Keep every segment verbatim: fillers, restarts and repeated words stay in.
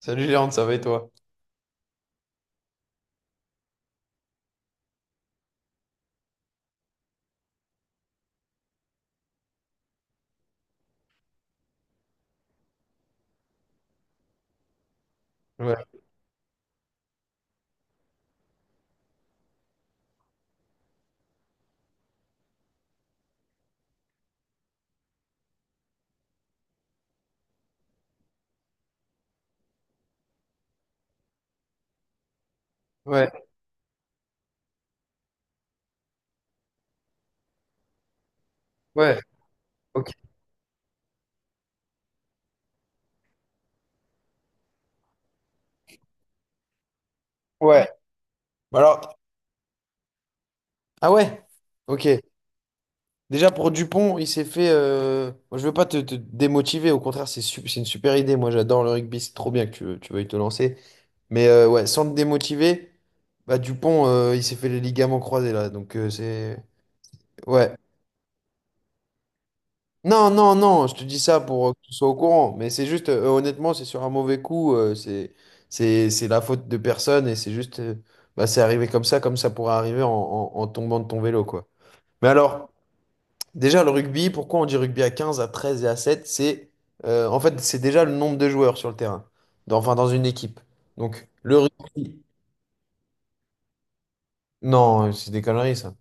Salut Léandre, ça va et toi? Ouais, ouais, ouais, ok. Ouais. Bah, alors, ah ouais, ok. Déjà pour Dupont, il s'est fait. euh, Moi, je veux pas te, te démotiver, au contraire, c'est su- c'est une super idée. Moi, j'adore le rugby, c'est trop bien que tu, veux- tu veuilles te lancer. Mais euh, ouais, sans te démotiver, bah Dupont, euh, il s'est fait les ligaments croisés là. Donc, euh, c'est. Ouais. Non, non, non, je te dis ça pour euh, que tu sois au courant. Mais c'est juste, euh, honnêtement, c'est sur un mauvais coup. euh, c'est, c'est, c'est la faute de personne et c'est juste, euh, bah, c'est arrivé comme ça, comme ça pourrait arriver en, en- en tombant de ton vélo, quoi. Mais alors, déjà, le rugby, pourquoi on dit rugby à quinze, à treize et à sept? C'est, euh, en fait, c'est déjà le nombre de joueurs sur le terrain, Dans- enfin, dans une équipe. Donc, le rugby. Non, euh, c'est des conneries, ça.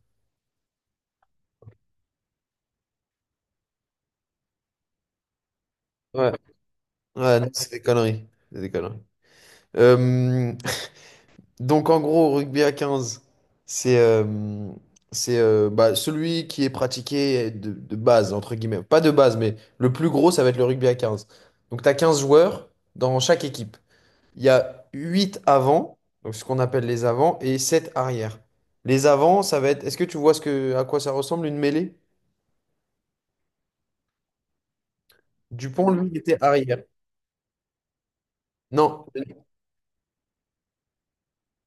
Ouais. Ouais, non, c'est des conneries. C'est des conneries. Euh, Donc en gros, rugby à quinze, c'est euh, c'est euh, bah, celui qui est pratiqué de, de base, entre guillemets. Pas de base, mais le plus gros, ça va être le rugby à quinze. Donc tu as quinze joueurs dans chaque équipe. Il y a huit avants, donc ce qu'on appelle les avants, et sept arrières. Les avants, ça va être... Est-ce que tu vois ce que, à quoi ça ressemble une mêlée? Dupont, lui, il était arrière. Non.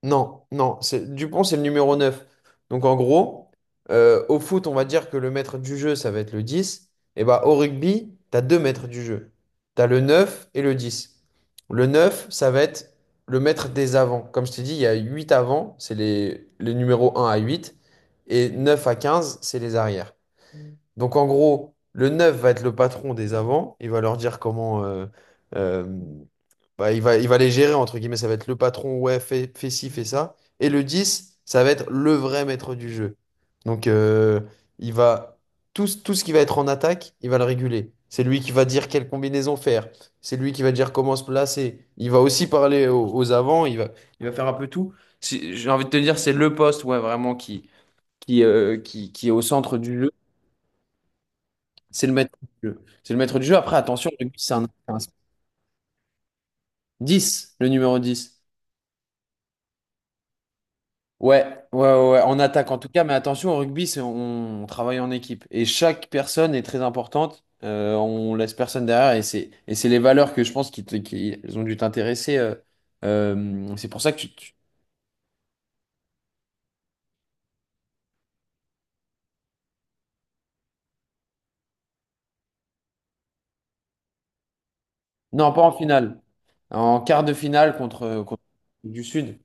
Non, non, c'est Dupont, c'est le numéro neuf. Donc en gros, euh, au foot, on va dire que le maître du jeu, ça va être le dix. Et bah au rugby, t'as deux maîtres du jeu. T'as le neuf et le dix. Le neuf ça va être le maître des avants. Comme je t'ai dit, il y a huit avants, c'est les, les numéros un à huit. Et neuf à quinze c'est les arrières. Donc en gros, le neuf va être le patron des avants. Il va leur dire comment. euh, euh, Bah, il va, il va les gérer, entre guillemets. Ça va être le patron, ouais, fais, fais ci, fais ça. Et le dix, ça va être le vrai maître du jeu. Donc euh, il va. Tout, ce- tout ce qui va être en attaque, il va le réguler. C'est lui qui va dire quelle combinaison faire. C'est lui qui va dire comment se placer. Il va aussi parler aux, aux avants. Il va, il va faire un peu tout. C'est- J'ai envie de te dire, c'est le poste, ouais, vraiment qui, qui, euh, qui, qui est au centre du jeu. C'est le maître du jeu. C'est le maître du jeu. Après, attention, le rugby, c'est un, un- dix, le numéro dix. Ouais, ouais, ouais, ouais, en attaque en tout cas, mais attention, au rugby, c'est, on, on travaille en équipe. Et chaque personne est très importante. Euh, on laisse personne derrière et c'est, et c'est les valeurs que je pense qui, te- qui ont dû t'intéresser. Euh, euh, c'est pour ça que tu, tu- Non, pas en finale. En quart de finale contre, contre du Sud.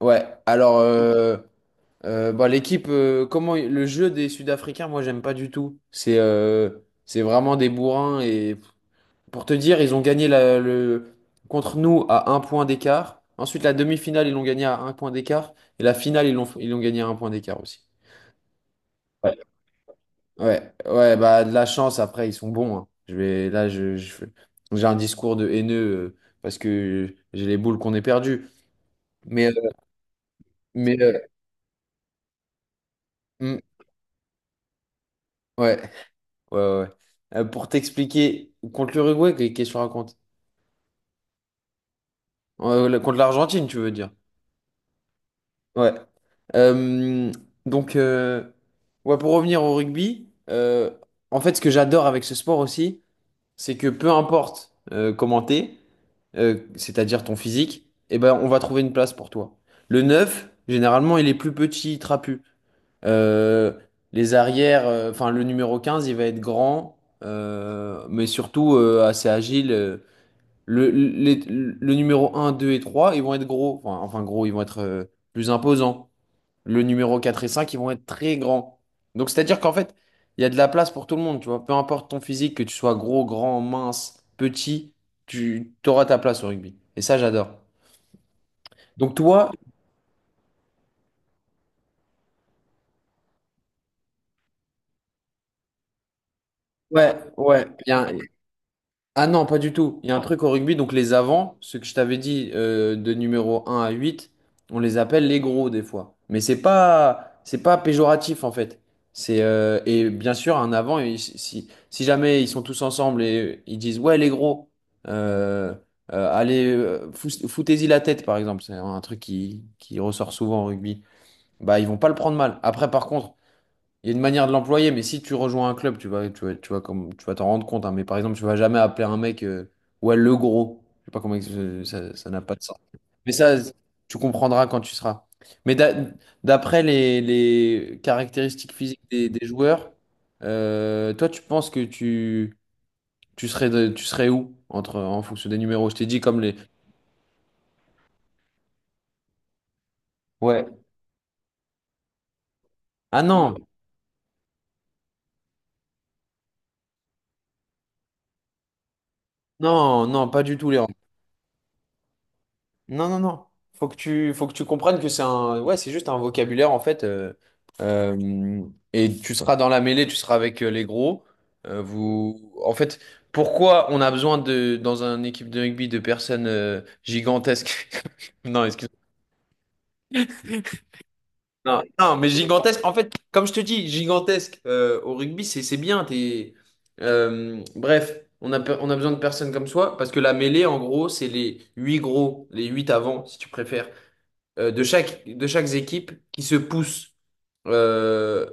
Ouais, alors, euh, Euh, bah, l'équipe, euh, comment le jeu des Sud-Africains, moi j'aime pas du tout. C'est euh, c'est vraiment des bourrins et pour te dire, ils ont gagné la, le contre nous à un point d'écart. Ensuite, la demi-finale, ils l'ont gagné à un point d'écart et la finale, ils l'ont ils l'ont gagné à un point d'écart aussi. Ouais. Ouais, ouais, bah de la chance. Après, ils sont bons, hein. Je vais là. Je, je fais- j'ai un discours de haineux euh, parce que j'ai les boules qu'on ait perdues. Mais euh, mais euh, mm, ouais. Ouais, ouais, ouais. Euh, pour t'expliquer, contre l'Uruguay, que- qu'est-ce que tu racontes? Euh, la- contre l'Argentine, tu veux dire? Ouais. Euh, donc, euh, ouais, pour revenir au rugby, euh, en fait, ce que j'adore avec ce sport aussi, c'est que peu importe euh, comment t'es, euh, c'est-à-dire ton physique, eh ben, on va trouver une place pour toi. Le neuf généralement, il est plus petit, trapu. Euh, les arrières, euh, enfin, le numéro quinze, il va être grand, euh, mais surtout euh, assez agile. euh, Le, les- le numéro un deux et trois ils vont être gros. Enfin, enfin, gros, ils vont être euh, plus imposants. Le numéro quatre et cinq ils vont être très grands. Donc, c'est-à-dire qu'en fait, il y a de la place pour tout le monde, tu vois. Peu importe ton physique, que tu sois gros, grand, mince, petit, tu auras ta place au rugby. Et ça, j'adore. Donc, toi, ouais, ouais, bien. Ah non, pas du tout. Il y a un truc au rugby, donc les avants, ce que je t'avais dit euh, de numéro un à huit, on les appelle les gros des fois. Mais c'est pas c'est pas péjoratif en fait. C'est euh, et bien sûr un avant il- si si si jamais ils sont tous ensemble et ils disent ouais les gros euh, euh, allez euh, fous- foutez-y la tête par exemple, c'est un truc qui qui ressort souvent au rugby. Bah ils vont pas le prendre mal. Après par contre, il y a une manière de l'employer, mais si tu rejoins un club, tu vas, tu vas, tu vas comme, tu vas t'en rendre compte, hein. Mais par exemple, tu vas jamais appeler un mec, euh, ouais, le gros. Je sais pas comment, ex- euh, ça, ça n'a pas de sens. Mais ça, tu comprendras quand tu seras. Mais d'a- d'après les, les caractéristiques physiques des, des joueurs, euh, toi, tu penses que tu, tu serais, de- tu serais où entre, en fonction des numéros? Je t'ai dit comme les. Ouais. Ah non, non, non, pas du tout, les. Non, non, non. Faut que tu, faut que tu comprennes que c'est un, ouais, c'est juste un vocabulaire en fait. euh, euh, et tu seras dans la mêlée, tu seras avec euh, les gros. Euh, vous, en fait, pourquoi on a besoin de, dans une équipe de rugby, de personnes euh, gigantesques? Non, excuse. Non, non, mais gigantesques. En fait, comme je te dis, gigantesques euh, au rugby, c'est, c'est bien. T'es, euh, bref, on a, pe- on a besoin de personnes comme soi parce que la mêlée, en gros, c'est les huit gros, les huit avant, si tu préfères. euh, de chaque, de chaque équipe qui se pousse. Euh,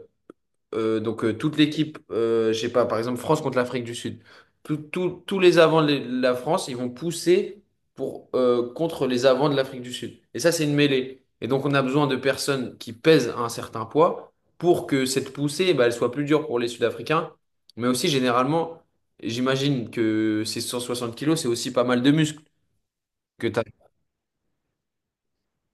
euh, donc euh, toute l'équipe, euh, je sais pas, par exemple France contre l'Afrique du Sud, Tout- tout- tous les avants de la France, ils vont pousser pour, euh, contre les avants de l'Afrique du Sud. Et ça, c'est une mêlée. Et donc on a besoin de personnes qui pèsent un certain poids pour que cette poussée, eh ben, elle soit plus dure pour les Sud-Africains. Mais aussi, généralement, j'imagine que ces cent soixante kilos, c'est aussi pas mal de muscles que tu as.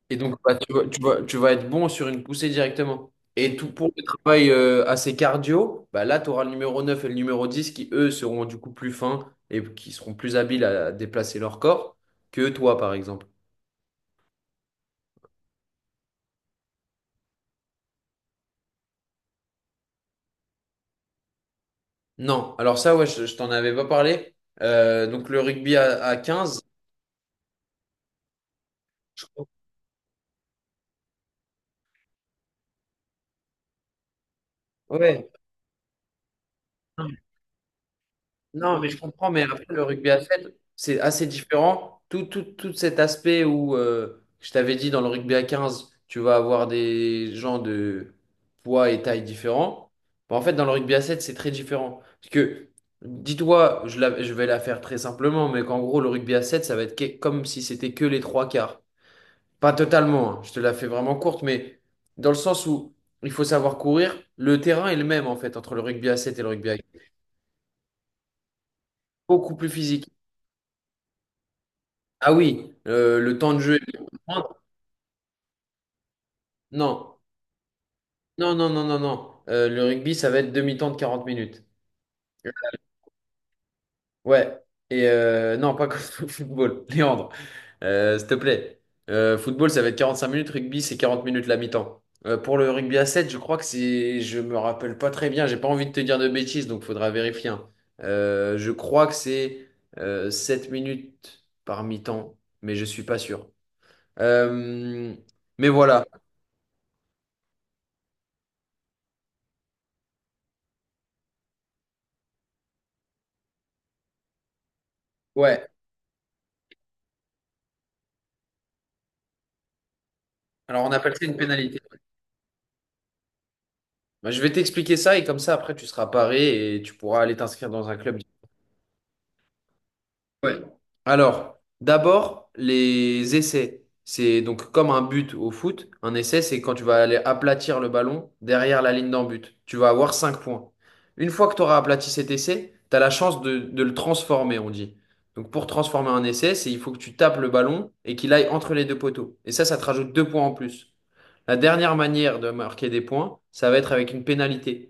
Et donc, bah, tu vas, tu vas, tu vas être bon sur une poussée directement. Et tout pour le travail euh, assez cardio, bah là, tu auras le numéro neuf et le numéro dix qui, eux, seront du coup plus fins et qui seront plus habiles à déplacer leur corps que toi, par exemple. Non, alors ça, ouais, je, je t'en avais pas parlé. Euh, donc, le rugby à, à quinze, je crois. Ouais. Non, mais je comprends, mais après, le rugby à sept c'est assez différent. Tout, tout, tout cet aspect où, euh, je t'avais dit, dans le rugby à quinze tu vas avoir des gens de poids et taille différents. Bah, en fait, dans le rugby à sept c'est très différent. Parce que, dis-toi, je, la- je vais la faire très simplement, mais qu'en gros, le rugby à sept ça va être que- comme si c'était que les trois quarts. Pas totalement, hein, je te la fais vraiment courte, mais dans le sens où il faut savoir courir, le terrain est le même, en fait, entre le rugby à sept et le rugby à quinze. Beaucoup plus physique. Ah oui, euh, le temps de jeu est beaucoup moindre. Non, non, non, non, non, non. Euh, le rugby, ça va être demi-temps de quarante minutes. Ouais. Et euh, non, pas comme au football. Léandre, euh, s'il te plaît. Euh, football, ça va être quarante-cinq minutes. Rugby, c'est quarante minutes la mi-temps. Euh, pour le rugby à sept, je crois que c'est. Je me rappelle pas très bien. J'ai pas envie de te dire de bêtises, donc faudra vérifier, hein. Euh, je crois que c'est euh, sept minutes par mi-temps, mais je suis pas sûr. Euh, mais voilà. Ouais. Alors, on appelle ça une pénalité. Bah, je vais t'expliquer ça et comme ça, après, tu seras paré et tu pourras aller t'inscrire dans un club. Ouais. Alors, d'abord, les essais. C'est donc comme un but au foot. Un essai, c'est quand tu vas aller aplatir le ballon derrière la ligne d'en but. Tu vas avoir cinq points. Une fois que tu auras aplati cet essai, tu as la chance de, de le transformer, on dit. Donc, pour transformer un essai, c'est il faut que tu tapes le ballon et qu'il aille entre les deux poteaux. Et ça, ça te rajoute deux points en plus. La dernière manière de marquer des points, ça va être avec une pénalité.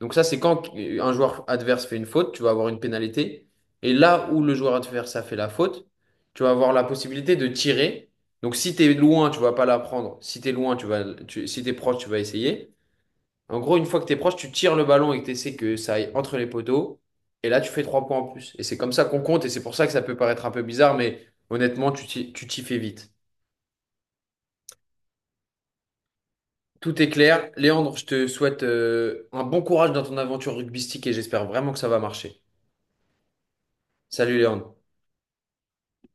Donc ça, c'est quand un joueur adverse fait une faute, tu vas avoir une pénalité. Et là où le joueur adverse a fait la faute, tu vas avoir la possibilité de tirer. Donc si tu es loin, tu vas pas la prendre. Si tu es loin, tu vas, tu- si tu es proche, tu vas essayer. En gros, une fois que tu es proche, tu tires le ballon et que tu essaies que ça aille entre les poteaux. Et là, tu fais trois points en plus. Et c'est comme ça qu'on compte. Et c'est pour ça que ça peut paraître un peu bizarre, mais honnêtement, tu t'y tu t'y fais vite. Tout est clair. Léandre, je te souhaite euh, un bon courage dans ton aventure rugbystique et j'espère vraiment que ça va marcher. Salut Léandre.